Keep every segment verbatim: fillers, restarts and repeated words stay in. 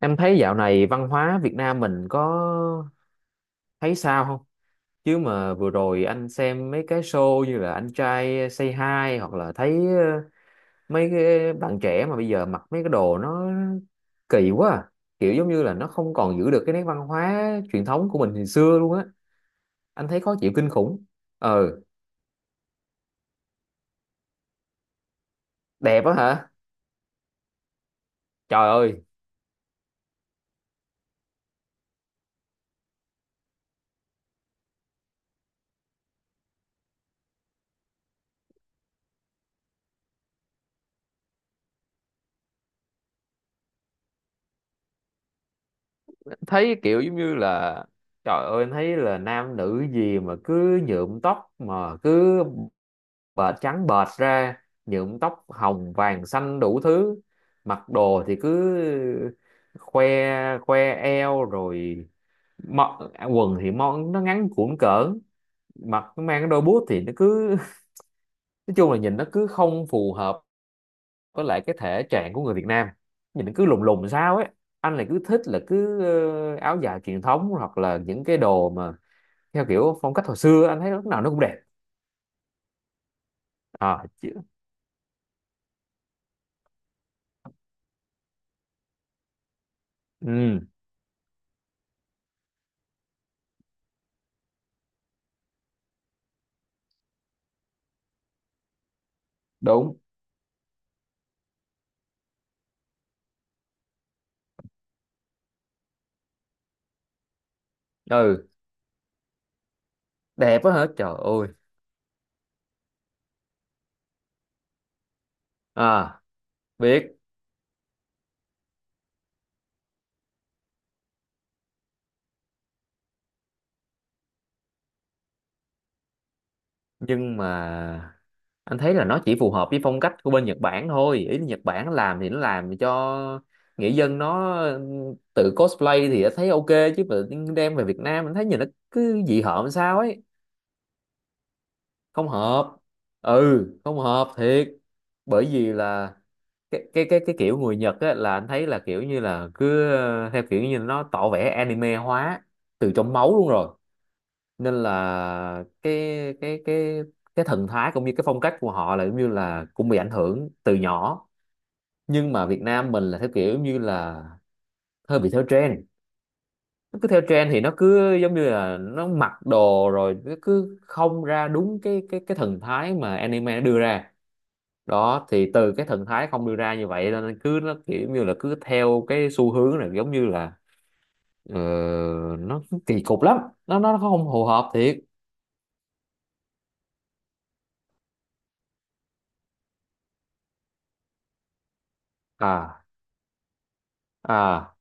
Em thấy dạo này văn hóa Việt Nam mình có thấy sao không? Chứ mà vừa rồi anh xem mấy cái show như là Anh trai Say Hi hoặc là thấy ờ, mấy cái bạn trẻ mà bây giờ mặc mấy cái đồ nó kỳ quá à. Kiểu giống như là nó không còn giữ được cái nét văn hóa truyền thống của mình hồi xưa luôn á. Anh thấy khó chịu kinh khủng. Ờ, đẹp á hả? Trời ơi, thấy kiểu giống như là trời ơi em thấy là nam nữ gì mà cứ nhuộm tóc mà cứ bệt trắng bệt ra, nhuộm tóc hồng vàng xanh đủ thứ, mặc đồ thì cứ khoe, khoe eo rồi mọ- quần thì món nó ngắn cũn cỡn, mặc nó mang cái đôi boot thì nó cứ nói chung là nhìn nó cứ không phù hợp với lại cái thể trạng của người Việt Nam, nhìn nó cứ lùng lùng sao ấy. Anh lại cứ thích là cứ ờ, áo dài truyền thống hoặc là những cái đồ mà theo kiểu phong cách hồi xưa, anh thấy lúc nào nó cũng đẹp. À chứ ừ, đúng, ừ, đẹp quá hả trời ơi. À, biết. Nhưng mà anh thấy là nó chỉ phù hợp với phong cách của bên Nhật Bản thôi. Ý là Nhật Bản làm thì nó làm cho nghệ dân nó tự cosplay thì đã thấy ok, chứ mà đem về Việt Nam anh thấy nhìn nó cứ dị hợm làm sao ấy, không hợp. Ừ, không hợp thiệt. Bởi vì là cái cái cái cái kiểu người Nhật á là anh thấy là kiểu như là cứ ờ, theo kiểu như nó tỏ vẻ anime hóa từ trong máu luôn rồi. Nên là cái cái cái cái thần thái cũng như cái phong cách của họ là giống như là cũng bị ảnh hưởng từ nhỏ, nhưng mà Việt Nam mình là theo kiểu như là hơi bị theo trend, nó cứ theo trend thì nó cứ giống như là nó mặc đồ rồi nó cứ không ra đúng cái cái cái thần thái mà anime nó đưa ra đó, thì từ cái thần thái không đưa ra như vậy nên cứ nó kiểu như là cứ theo cái xu hướng này giống như là ờ, nó kỳ cục lắm, nó nó không phù hợp thiệt. À à,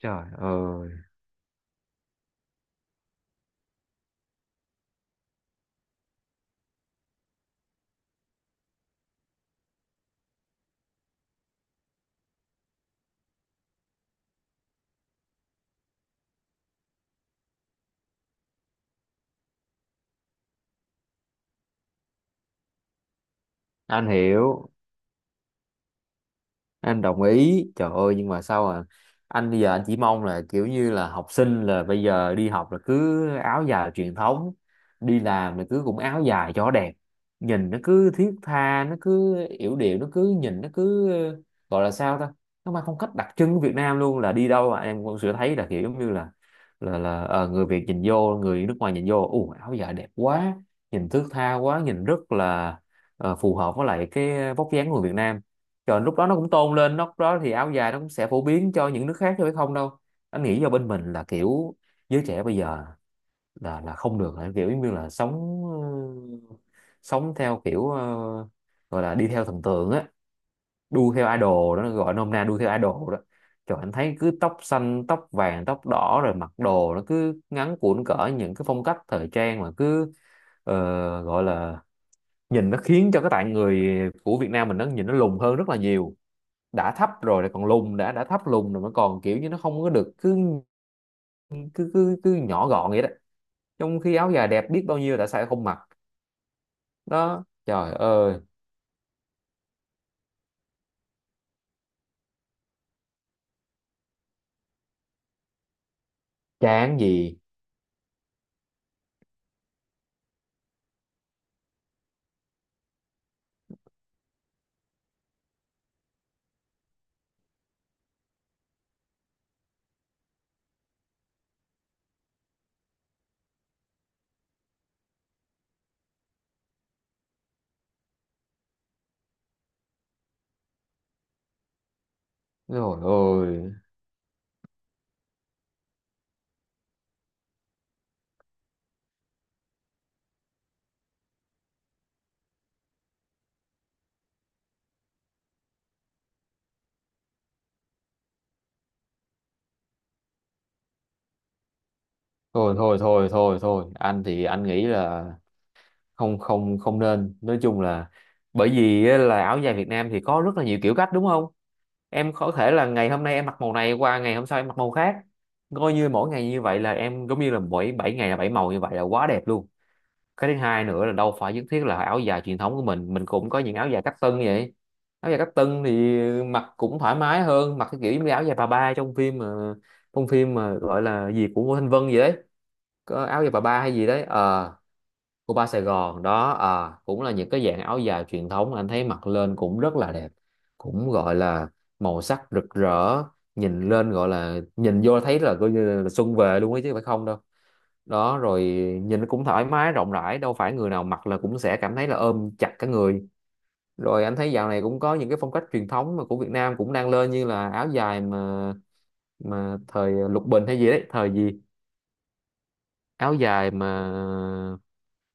trời ơi, anh hiểu. Anh đồng ý trời ơi, nhưng mà sao à, anh bây giờ anh chỉ mong là kiểu như là học sinh là bây giờ đi học là cứ áo dài truyền thống, đi làm là cứ cũng áo dài cho đẹp, nhìn nó cứ thiết tha, nó cứ yểu điệu, nó cứ nhìn nó cứ ờ, gọi là sao ta, nó mang phong cách đặc trưng của Việt Nam luôn, là đi đâu mà em cũng sẽ thấy là kiểu giống như là là là ờ, người Việt nhìn vô, người nước ngoài nhìn vô ù áo dài đẹp quá, nhìn thước tha quá, nhìn rất là ờ, phù hợp với lại cái vóc dáng của người Việt Nam. Trời lúc đó nó cũng tôn lên, lúc đó thì áo dài nó cũng sẽ phổ biến cho những nước khác chứ phải không đâu. Anh nghĩ do bên mình là kiểu giới trẻ bây giờ là là không được, là kiểu giống như là sống, ừ, sống theo kiểu ờ, gọi là đi theo thần tượng á, đu theo idol đó, nó gọi nôm na đu theo idol đó. Trời anh thấy cứ tóc xanh tóc vàng tóc đỏ rồi mặc đồ nó cứ ngắn cũn cỡ, những cái phong cách thời trang mà cứ ờ, gọi là nhìn nó khiến cho cái tạng người của Việt Nam mình nó nhìn nó lùn hơn rất là nhiều, đã thấp rồi lại còn lùn, đã đã thấp lùn rồi mà còn kiểu như nó không có được cứ cứ cứ, cứ nhỏ gọn vậy đó, trong khi áo dài đẹp biết bao nhiêu đã sao không mặc. Đó trời ơi, chán gì, rồi ôi, thôi thôi thôi thôi thôi anh thì anh nghĩ là không không không nên, nói chung là bởi vì á, là áo dài Việt Nam thì có rất là nhiều kiểu cách đúng không? Em có thể là ngày hôm nay em mặc màu này, qua ngày hôm sau em mặc màu khác, coi như mỗi ngày như vậy là em giống như là mỗi bảy ngày là bảy màu, như vậy là quá đẹp luôn. Cái thứ hai nữa là đâu phải nhất thiết là áo dài truyền thống của mình mình cũng có những áo dài cách tân như vậy, áo dài cách tân thì mặc cũng thoải mái hơn mặc cái kiểu như áo dài bà ba trong phim mà, trong phim mà gọi là gì của Ngô Thanh Vân gì đấy, có áo dài bà ba hay gì đấy ờ, của ba Sài Gòn đó, ờ cũng là những cái dạng áo dài truyền thống, anh thấy mặc lên cũng rất là đẹp, cũng gọi là màu sắc rực rỡ, nhìn lên gọi là nhìn vô thấy là coi như là xuân về luôn ấy chứ phải không đâu, đó rồi, nhìn cũng thoải mái rộng rãi, đâu phải người nào mặc là cũng sẽ cảm thấy là ôm chặt cả người. Rồi anh thấy dạo này cũng có những cái phong cách truyền thống mà của Việt Nam cũng đang lên như là áo dài mà mà thời Lục Bình hay gì đấy, thời gì áo dài mà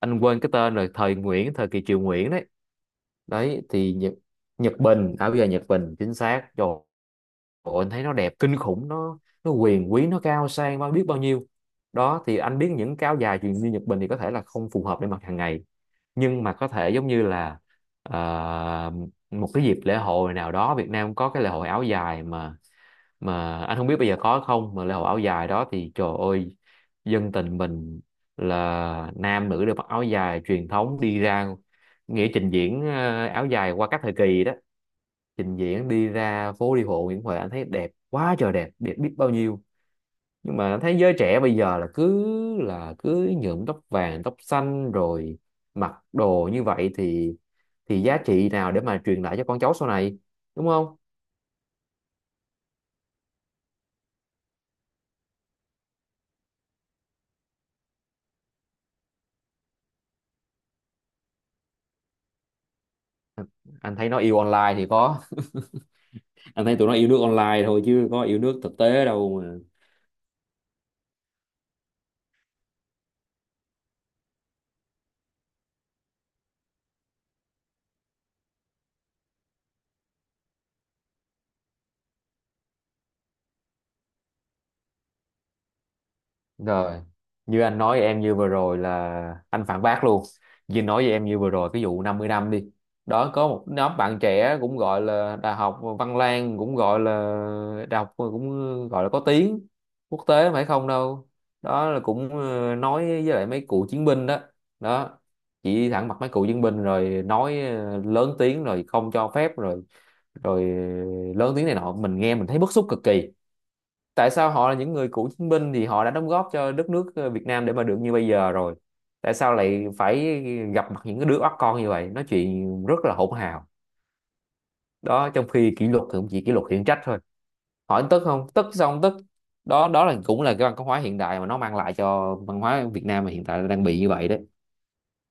anh quên cái tên rồi, thời Nguyễn, thời kỳ Triều Nguyễn đấy, đấy thì Nhật Nhật Bình, áo dài Nhật Bình chính xác rồi. Ủa, anh thấy nó đẹp kinh khủng, nó nó quyền quý, nó cao sang bao biết bao nhiêu. Đó thì anh biết những cái áo dài truyền như Nhật Bình thì có thể là không phù hợp để mặc hàng ngày, nhưng mà có thể giống như là ờ, một cái dịp lễ hội nào đó, Việt Nam có cái lễ hội áo dài mà mà anh không biết bây giờ có không, mà lễ hội áo dài đó thì trời ơi, dân tình mình là nam nữ đều mặc áo dài truyền thống đi ra, nghĩa trình diễn ờ, áo dài qua các thời kỳ đó, trình diễn đi ra phố đi bộ Nguyễn Huệ anh thấy đẹp quá trời đẹp, đẹp biết bao nhiêu. Nhưng mà anh thấy giới trẻ bây giờ là cứ là cứ nhuộm tóc vàng tóc xanh rồi mặc đồ như vậy thì thì giá trị nào để mà truyền lại cho con cháu sau này, đúng không? Anh thấy nó yêu online thì có. Anh thấy tụi nó yêu nước online thôi chứ có yêu nước thực tế đâu mà. Rồi, như anh nói em như vừa rồi là anh phản bác luôn. Như nói với em như vừa rồi cái vụ năm mươi năm đi. Đó có một nhóm bạn trẻ cũng gọi là Đại học Văn Lang cũng gọi là đại học cũng gọi là có tiếng quốc tế mà phải không đâu. Đó là cũng ờ, nói với lại mấy cựu chiến binh đó. Đó. Chỉ thẳng mặt mấy cựu chiến binh rồi nói ờ, lớn tiếng rồi không cho phép rồi, rồi ờ, lớn tiếng này nọ, mình nghe mình thấy bức xúc cực kỳ, tại sao họ là những người cựu chiến binh thì họ đã đóng góp cho đất nước ờ, Việt Nam để mà được như bây giờ rồi, tại sao lại phải gặp mặt những cái đứa oắt con như vậy nói chuyện rất là hỗn hào, đó trong khi kỷ luật thì cũng chỉ kỷ luật khiển trách thôi, hỏi tức không, tức sao không tức, đó đó là cũng là cái văn hóa hiện đại mà nó mang lại cho văn hóa Việt Nam mà hiện tại đang bị như vậy đấy.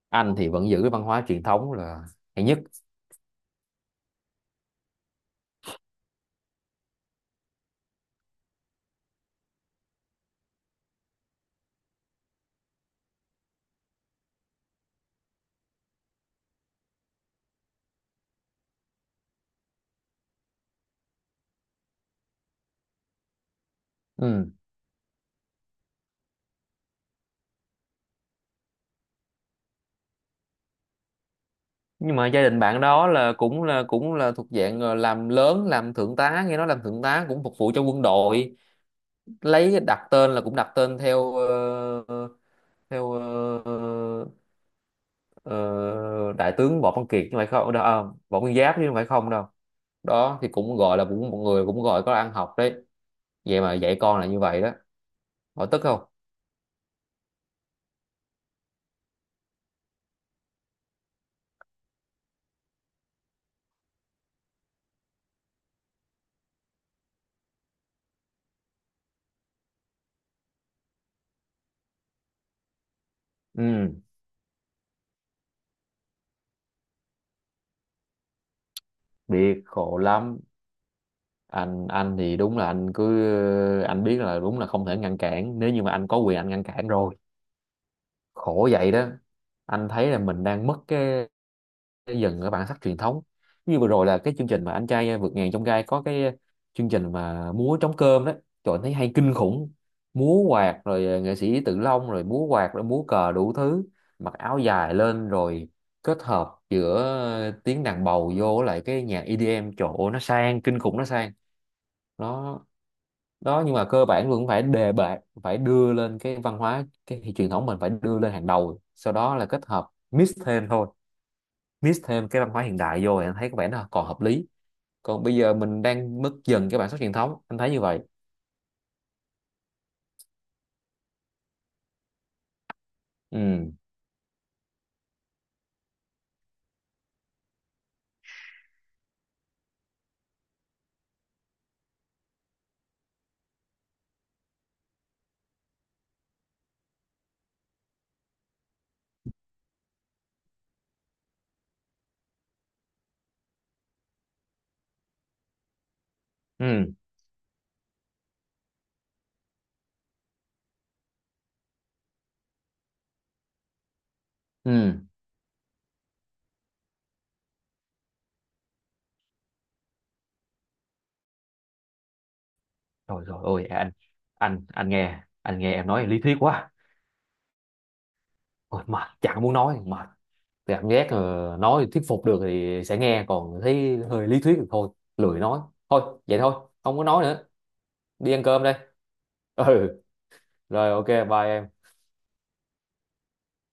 Anh thì vẫn giữ cái văn hóa truyền thống là hay nhất. Ừ. Nhưng mà gia đình bạn đó là cũng là cũng là thuộc dạng ờ, làm lớn, làm thượng tá, nghe nói làm thượng tá cũng phục vụ cho quân đội, lấy đặt tên là cũng đặt tên theo ờ, theo ờ, ờ, đại tướng Võ Văn Kiệt chứ không phải không đâu à, Võ Nguyên Giáp chứ không phải không đâu, đó thì cũng gọi là cũng mọi người cũng gọi có ăn học đấy, vậy mà dạy con là như vậy đó, hỏi tức không. Ừ, biết khổ lắm. Anh anh thì đúng là anh cứ anh biết là đúng là không thể ngăn cản, nếu như mà anh có quyền anh ngăn cản rồi, khổ vậy đó. Anh thấy là mình đang mất cái xây dựng ở bản sắc truyền thống, như vừa rồi là cái chương trình mà anh trai vượt ngàn chông gai có cái chương trình mà múa trống cơm đó, trời thấy hay kinh khủng, múa quạt rồi ờ, nghệ sĩ Tự Long rồi múa quạt rồi múa cờ đủ thứ, mặc áo dài lên rồi kết hợp giữa ờ, tiếng đàn bầu vô lại cái nhạc e đê em chỗ nó sang kinh khủng, nó sang nó, đó, nhưng mà cơ bản vẫn phải đề bạt, phải đưa lên cái văn hóa cái truyền thống mình phải đưa lên hàng đầu, sau đó là kết hợp mix thêm thôi, mix thêm cái văn hóa hiện đại vô thì anh thấy có vẻ nó còn hợp lý, còn bây giờ mình đang mất dần cái bản sắc truyền thống anh thấy như vậy. Ừ, ừ, ừ, rồi rồi ôi anh, anh anh nghe anh nghe em nói lý thuyết quá, ôi mệt chẳng muốn nói, mệt, cảm giác ờ, nói thuyết phục được thì sẽ nghe, còn thấy hơi lý thuyết thì thôi, lười nói, thôi vậy thôi, không có nói nữa, đi ăn cơm đây. Ừ, rồi ok bye em.